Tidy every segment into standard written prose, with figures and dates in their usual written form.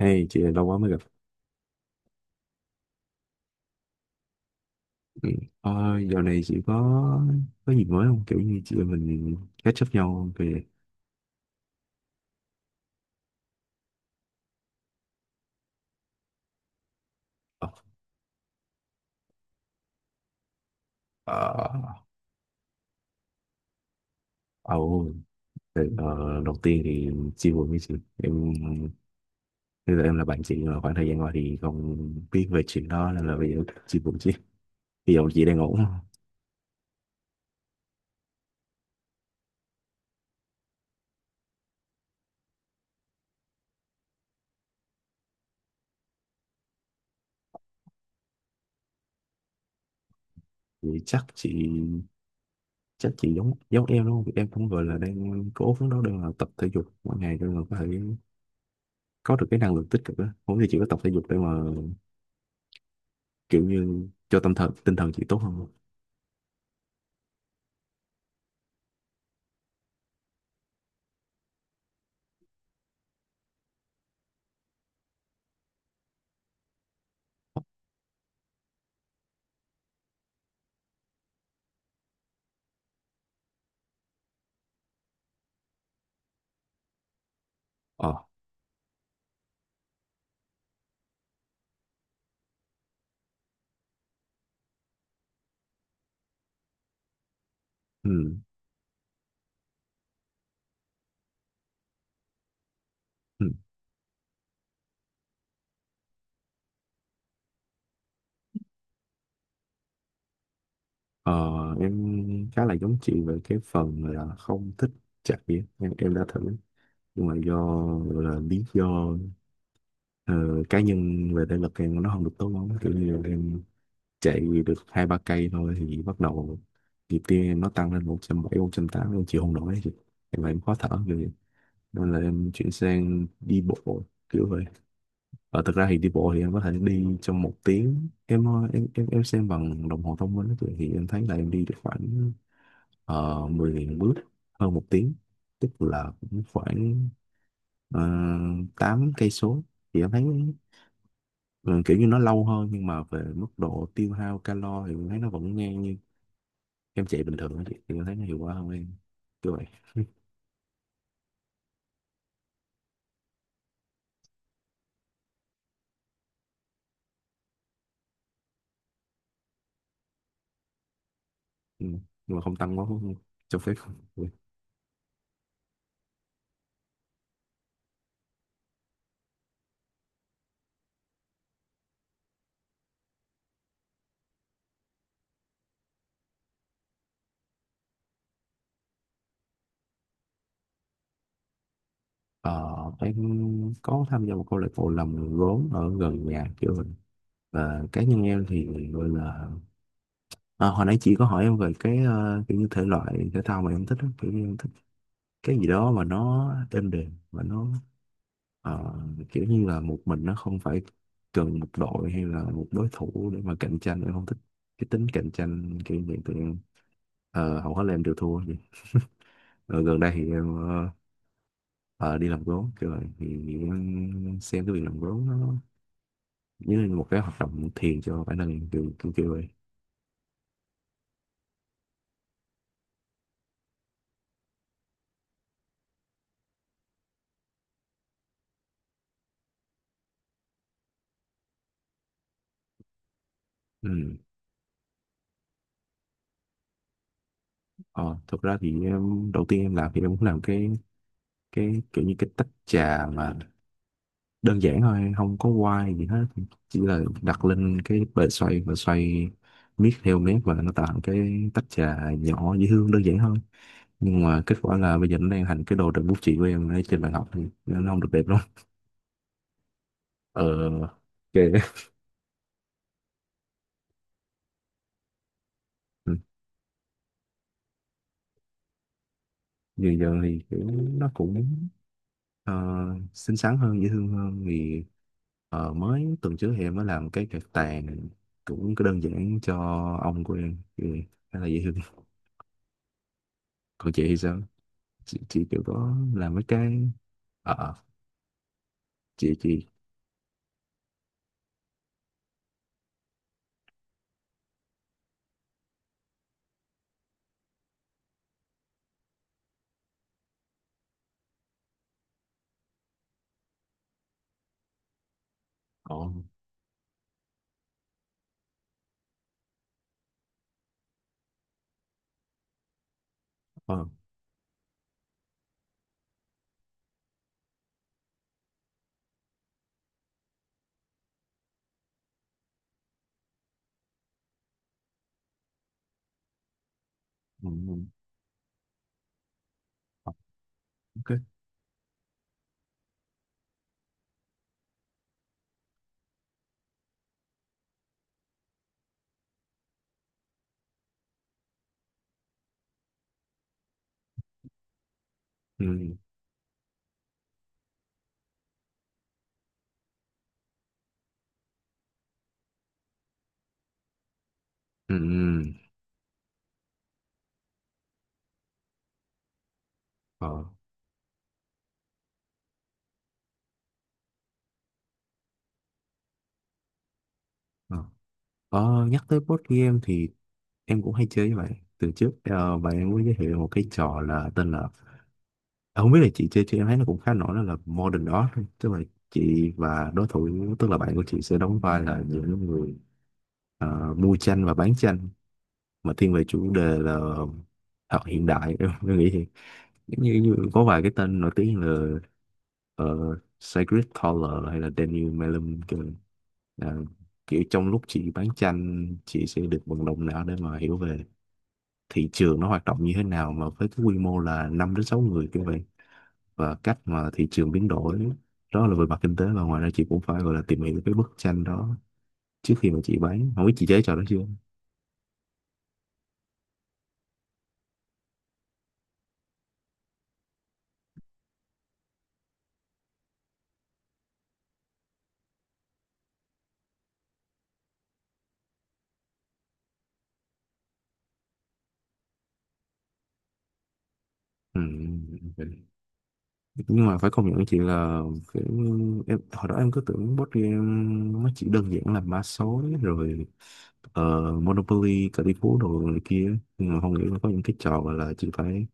Hey, chị lâu quá mới gặp. Ừ. Ờ, dạo này chị có gì mới không? Kiểu như chị em mình catch up nhau không? Kìa. Ờ. Ờ. Ờ. Đầu tiên thì chia buồn với chị. Em bây giờ em là bạn chị nhưng mà khoảng thời gian qua thì không biết về chuyện đó, nên là bây giờ chia buồn chị. Bây giờ chị đang ổn không? Thì chắc chị giống giống em đúng không? Em cũng gọi là đang cố phấn đấu để mà tập thể dục mỗi ngày để mà có thể có được cái năng lượng tích cực đó. Không thì chị có tập thể dục để mà kiểu như cho tâm thần tinh thần chị tốt hơn không? Ờ. Ừ, ừ. ờ em khá là giống chị về cái phần là không thích chạy ấy. Em đã thử, nhưng mà do là lý do ờ, cá nhân về thể lực em nó không được tốt lắm, kiểu như là em chạy được hai ba cây thôi thì bắt đầu nhịp tim em nó tăng lên 170, 180, em chịu không nổi, thì em khó thở kiểu vậy. Nên là em chuyển sang đi bộ kiểu vậy. Và thực ra thì đi bộ thì em có thể đi trong một tiếng, em xem bằng đồng hồ thông minh á, thì em thấy là em đi được khoảng 10.000 bước hơn một tiếng, tức là cũng khoảng uh, 8 cây số, thì em thấy, ừ, kiểu như nó lâu hơn nhưng mà về mức độ tiêu hao calo thì em thấy nó vẫn ngang như em chạy bình thường á chị. Thì em thấy nó hiệu quả hơn em kiểu vậy. Ừ. Nhưng mà không tăng quá cho phép. Ờ, em có tham gia một câu lạc bộ làm gốm ở gần nhà kiểu vậy, và cá nhân em thì gọi là, à, hồi nãy chị có hỏi em về cái kiểu như thể loại thể thao mà em thích á. Kiểu như em thích cái gì đó mà nó êm đềm và nó, ờ, kiểu như là một mình, nó không phải cần một đội hay là một đối thủ để mà cạnh tranh, em không thích cái tính cạnh tranh kiểu như vậy tụi em. Ờ, hầu hết là em đều thua vậy. Ờ, gần đây thì em, ờ, đi làm gốm kiểu vậy, thì em xem cái việc làm gốm nó như là một cái hoạt động thiền cho bản thân em, kiểu kiểu, kiểu vậy. Ừ. Ờ, thực ra thì em, đầu tiên em làm thì em cũng làm cái kiểu như cái tách trà mà đơn giản thôi, không có quay gì hết, chỉ là đặt lên cái bề xoay và xoay miết theo mép, và nó tạo cái tách trà nhỏ dễ thương đơn giản thôi, nhưng mà kết quả là bây giờ nó đang thành cái đồ đựng bút chì của em ở trên bàn học, thì nó không được đẹp lắm. ờ ok. Ừ, giờ giờ thì kiểu nó cũng, ờ, xinh xắn hơn dễ thương hơn, thì mới tuần trước thì em mới làm cái cạc tàn cũng có đơn giản cho ông của em, thì khá là dễ thương. Còn chị thì sao? Chị kiểu có làm mấy cái. Ờ. Chị. Ờ. Ờ. Ừ, ừ. Ờ. Ok. Ừ. Ừ. Ừ. Ờ. Ờ. Ờ, nhắc tới board game thì em cũng hay chơi với bạn từ trước, bạn em mới giới thiệu một cái trò là tên là... Ờ, không biết là chị chơi, chị em thấy nó cũng khá nổi đó, là Modern đó. Tức là chị và đối thủ, tức là bạn của chị, sẽ đóng vai là những người mua tranh và bán tranh, mà thiên về chủ đề là học hiện đại. Em nghĩ thì giống như, như có vài cái tên nổi tiếng là, Sigrid Thaler hay là Daniel Melem kìa. Là kiểu trong lúc chị bán tranh, chị sẽ được vận động não để mà hiểu về thị trường nó hoạt động như thế nào, mà với cái quy mô là 5 đến 6 người kiểu vậy, và cách mà thị trường biến đổi. Đó là về mặt kinh tế, và ngoài ra chị cũng phải gọi là tìm hiểu cái bức tranh đó trước khi mà chị bán. Không biết chị chế trò đó chưa? Ừ. Nhưng mà phải công nhận với chị là, kiểu, em, hồi đó em cứ tưởng board game nó chỉ đơn giản là mã số rồi, Monopoly cờ tỷ phú đồ này kia, nhưng mà không nghĩ là có những cái trò gọi là chị phải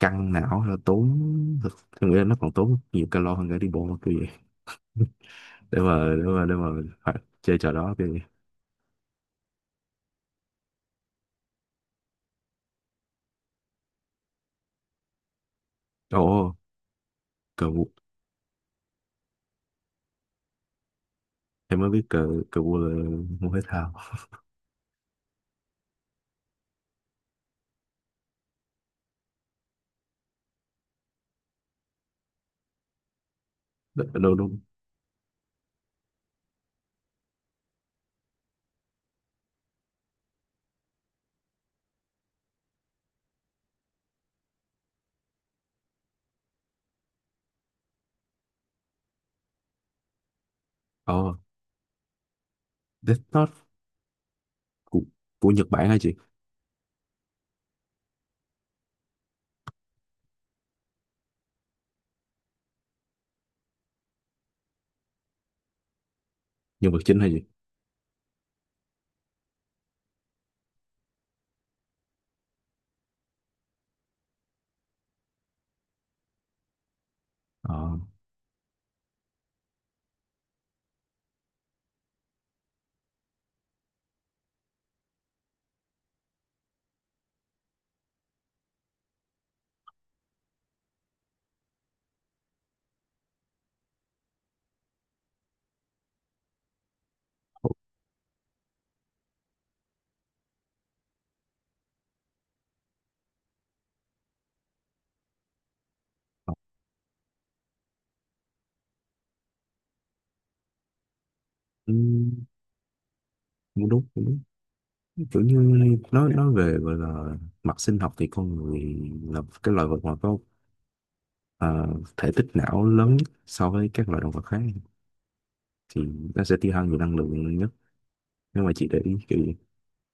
căng não là tốn thực, em nghĩ là nó còn tốn nhiều calo hơn cả đi bộ kia để mà phải chơi trò đó kìa. Ồ, cờ vua. Em mới biết cờ cờ vua là môn thể thao. Đâu đâu đâu. Ồ, Death Note. Của, của Nhật Bản hả chị? Nhân vật chính hả chị? Ờ. Ừ, cũng đúng cũng đúng. Kiểu như nói về gọi là mặt sinh học thì con người là cái loài vật mà có, à, thể tích não lớn nhất so với các loài động vật khác, thì nó sẽ tiêu hao nhiều năng lượng nhất. Nhưng mà chị để ý kiểu gì.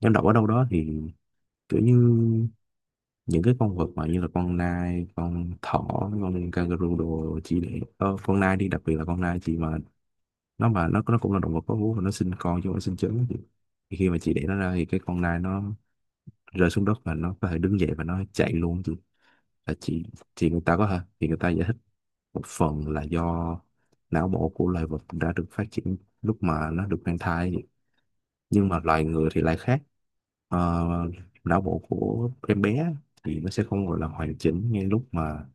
Em đọc ở đâu đó thì kiểu như những cái con vật mà như là con nai, con thỏ, con kangaroo đồ, chỉ để, con nai đi, đặc biệt là con nai chị, mà nó cũng là động vật có vú và nó sinh con chứ không phải sinh trứng chị. Thì khi mà chị để nó ra thì cái con nai nó rơi xuống đất và nó có thể đứng dậy và nó chạy luôn chị, là chị thì người ta giải thích một phần là do não bộ của loài vật đã được phát triển lúc mà nó được mang thai, nhưng mà loài người thì lại khác. Ờ, não bộ của em bé thì nó sẽ không gọi là hoàn chỉnh ngay lúc mà,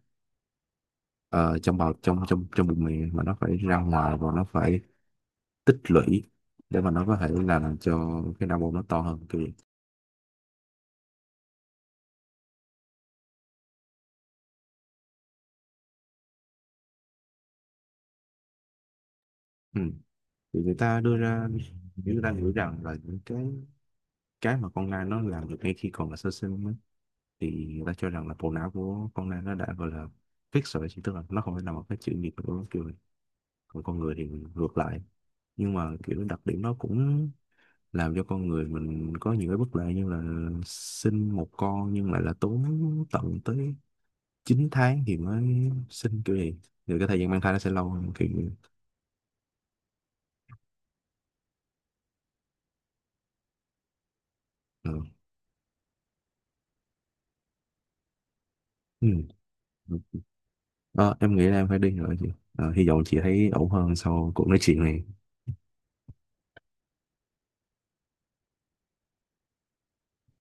ờ, trong bào trong trong trong bụng miệng, mà nó phải ra ngoài và nó phải tích lũy để mà nó có thể là làm cho cái não bộ nó to hơn kiểu vậy. Ừ. thì người ta đưa ra Người ta nghĩ rằng là những cái mà con nai nó làm được ngay khi còn là sơ sinh ấy, thì người ta cho rằng là bộ não của con nai nó đã gọi là fix rồi chỉ, tức là nó không phải là một cái chữ nghiệp của nó kiểu này. Còn con người thì ngược lại, nhưng mà kiểu đặc điểm nó cũng làm cho con người mình có nhiều cái bất lợi, như là sinh một con nhưng lại là tốn tận tới 9 tháng thì mới sinh kiểu gì. Thì cái thời gian mang thai nó sẽ lâu hơn kiểu như- Ừ. Ừ. Ờ, em nghĩ là em phải đi rồi chị. Ờ, hy vọng chị thấy ổn hơn sau cuộc nói chuyện này.